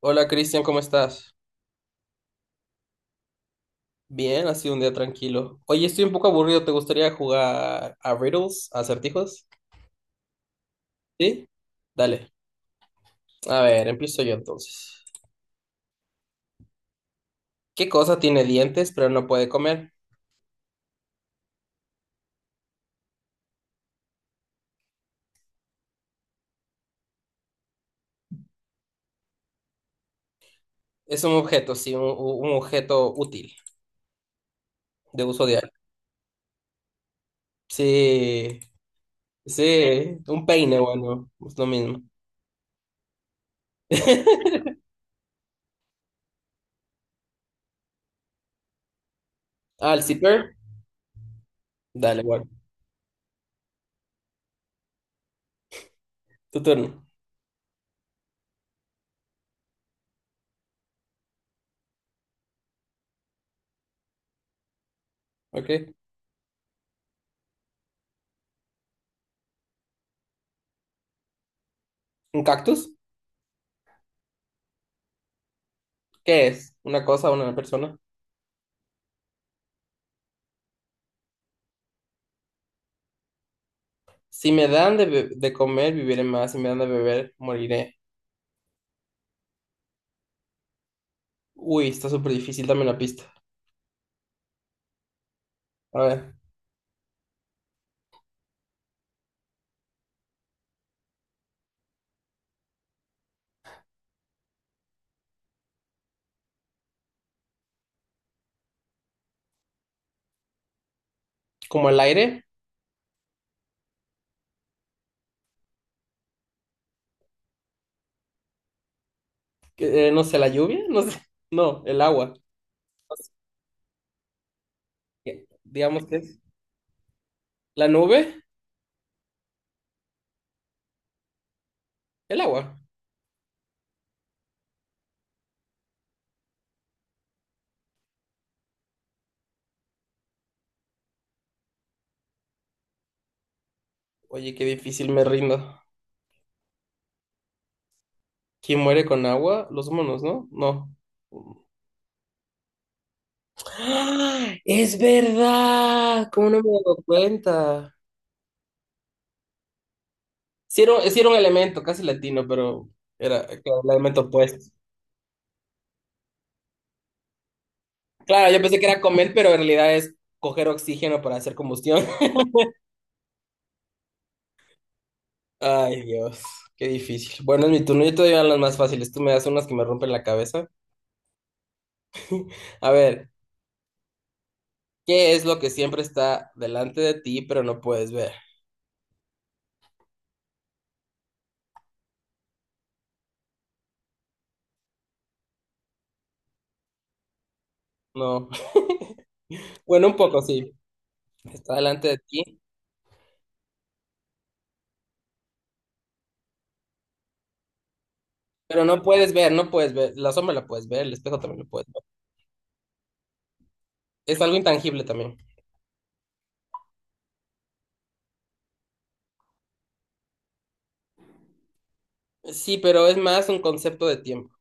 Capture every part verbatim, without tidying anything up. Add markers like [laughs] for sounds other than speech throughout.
Hola Cristian, ¿cómo estás? Bien, ha sido un día tranquilo. Oye, estoy un poco aburrido, ¿te gustaría jugar a riddles, a acertijos? ¿Sí? Dale. A ver, empiezo yo entonces. ¿Qué cosa tiene dientes pero no puede comer? Es un objeto, sí, un, un objeto útil, de uso diario. Sí, sí, un peine, bueno, es lo mismo. [laughs] Ah, el zipper. Dale, bueno, tu turno. ¿Ok? ¿Un cactus? ¿Qué es? ¿Una cosa, una persona? Si me dan de, be- de comer, viviré más. Si me dan de beber, moriré. Uy, está súper difícil, dame la pista. A ver, como el aire, que, eh, no sé, la lluvia, [laughs] no sé, no, el agua. Que- Digamos que es la nube, el agua. Oye, qué difícil, me rindo. ¿Quién muere con agua? Los monos, ¿no? No. ¡Ah! Es verdad, ¿cómo no me he dado cuenta? Sí era, un sí era un elemento casi latino, pero era claro, el elemento opuesto. Claro, yo pensé que era comer, pero en realidad es coger oxígeno para hacer combustión. [laughs] Ay, Dios, qué difícil. Bueno, es mi turno. Yo te doy las más fáciles. Tú me das unas que me rompen la cabeza. A ver, ¿qué es lo que siempre está delante de ti, pero no puedes ver? No. [laughs] Bueno, un poco sí. Está delante de ti, pero no puedes ver, no puedes ver. La sombra la puedes ver, el espejo también lo puedes ver. Es algo intangible también. Sí, pero es más un concepto de tiempo,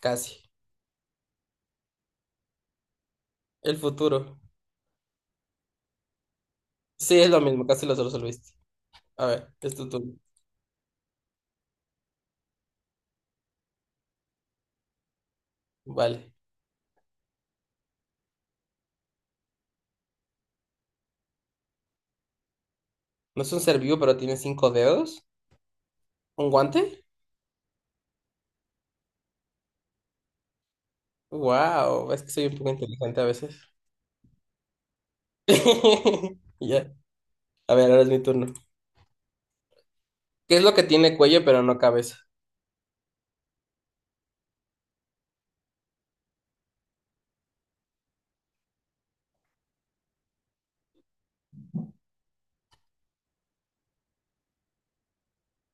casi. El futuro. Sí, es lo mismo, casi lo resolviste. A ver, es tu turno. Vale. ¿No es un ser vivo, pero tiene cinco dedos? ¿Un guante? Wow, es que soy un poco inteligente a veces. [laughs] Ya. A ver, ahora es mi turno. ¿Qué es lo que tiene cuello pero no cabeza?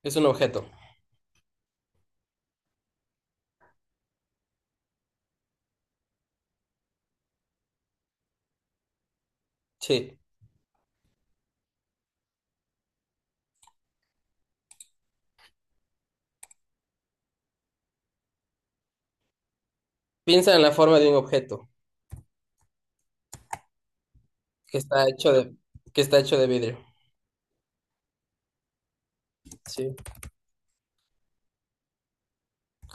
Es un objeto. Sí. Piensa en la forma de un objeto que está hecho de, que está hecho de vidrio. Sí,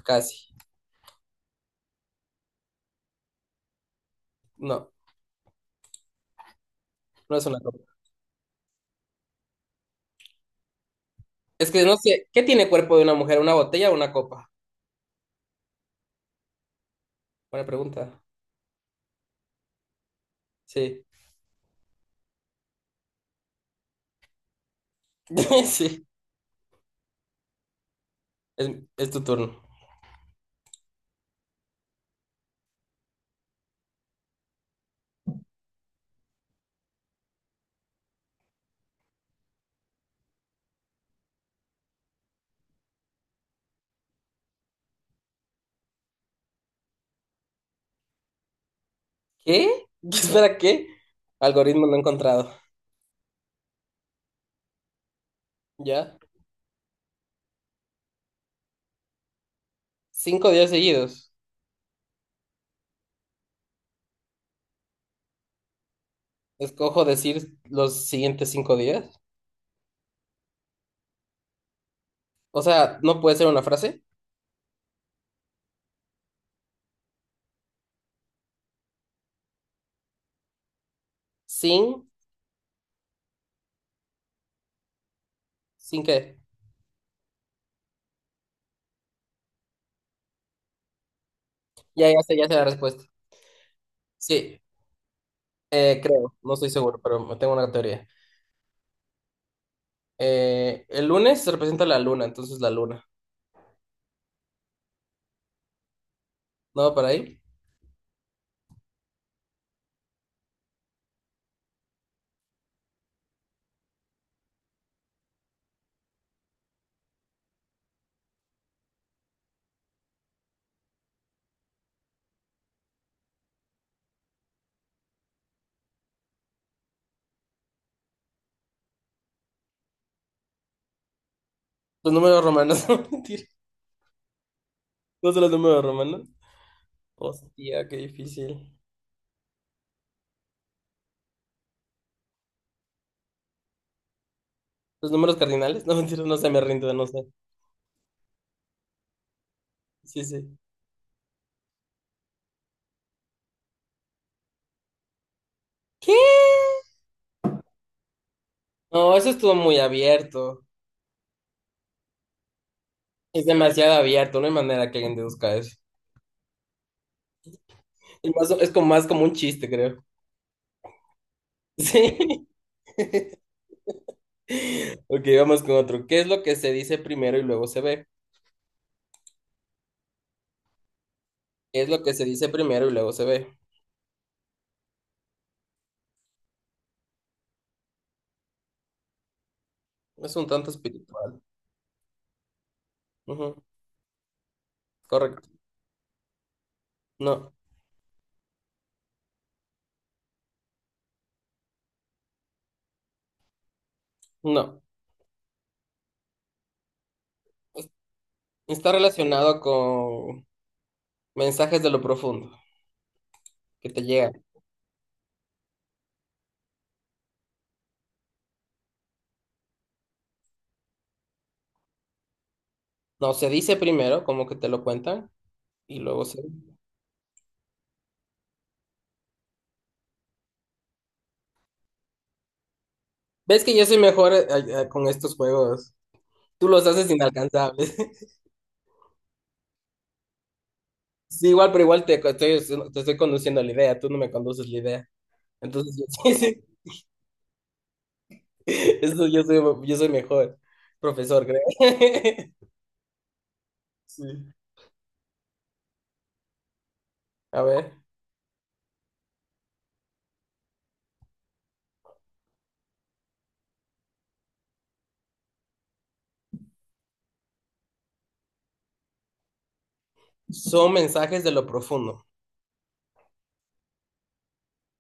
casi. No, no es una copa. Es que no sé, ¿qué tiene cuerpo de una mujer? ¿Una botella o una copa? Buena pregunta. Sí. [laughs] Sí. Es, es tu turno. ¿Qué? [laughs] ¿Espera qué? Algoritmo no encontrado. ¿Ya? Cinco días seguidos. Escojo decir los siguientes cinco días. O sea, no puede ser una frase. Sin, sin qué. Ya, ya sé, ya sé la respuesta. Sí, eh, creo. No estoy seguro, pero me tengo una teoría. Eh, el lunes se representa la luna, entonces la luna. ¿No va para ahí? Los números romanos, [laughs] no mentira. No son los números romanos. Hostia, qué difícil. Los números cardinales, [laughs] no mentira, no sé, me rindo, no sé. Sí, sí. ¿Qué? No, eso estuvo muy abierto. Es demasiado abierto, no hay manera que alguien deduzca eso. Y más o- es como más como un chiste, creo. [laughs] Sí. [laughs] Ok, vamos con otro. ¿Qué es lo que se dice primero y luego se ve? ¿Qué es lo que se dice primero y luego se ve? Es un tanto espiritual. Ujú, correcto. No, no. Es- Está relacionado con mensajes de lo profundo que te llegan. No, se dice primero, como que te lo cuentan, y luego se ve. ¿Ves que yo soy mejor eh, eh, con estos juegos? Tú los haces inalcanzables. [laughs] Sí, igual, pero igual te, co- estoy, te estoy conduciendo la idea, tú no me conduces la idea. Entonces, yo, [laughs] sí, sí, eso yo soy, yo soy mejor profesor, creo. [laughs] Sí. A ver, son mensajes de lo profundo.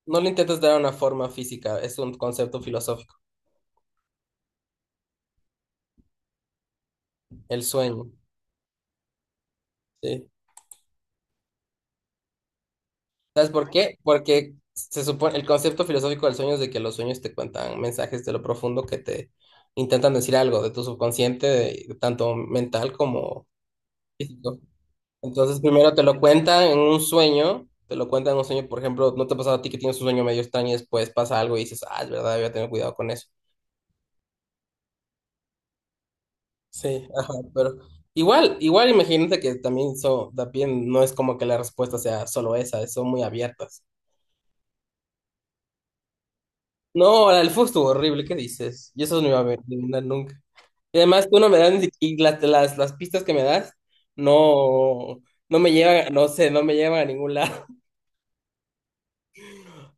No le intentes dar una forma física, es un concepto filosófico. El sueño, sí. ¿Sabes por qué? Porque se supone, el concepto filosófico del sueño es de que los sueños te cuentan mensajes de lo profundo que te intentan decir algo de tu subconsciente, de- tanto mental como físico. Entonces primero te lo cuentan en un sueño, te lo cuentan en un sueño, por ejemplo, ¿no te ha pasado a ti que tienes un sueño medio extraño y después pasa algo y dices, ah, es verdad, voy a tener cuidado con eso? Sí, ajá, pero igual, igual imagínate que también, so, también no es como que la respuesta sea solo esa, son muy abiertas. No, la del Fu estuvo horrible, ¿qué dices? Yo eso no iba a adivinar nunca. Y además tú no me das ni siquiera- y las, las, las pistas que me das no, no me llevan, no sé, no me llevan a ningún lado.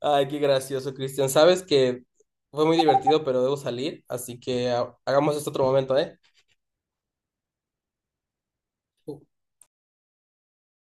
Ay, qué gracioso, Cristian. Sabes que fue muy divertido, pero debo salir, así que ah, hagamos esto otro momento, ¿eh?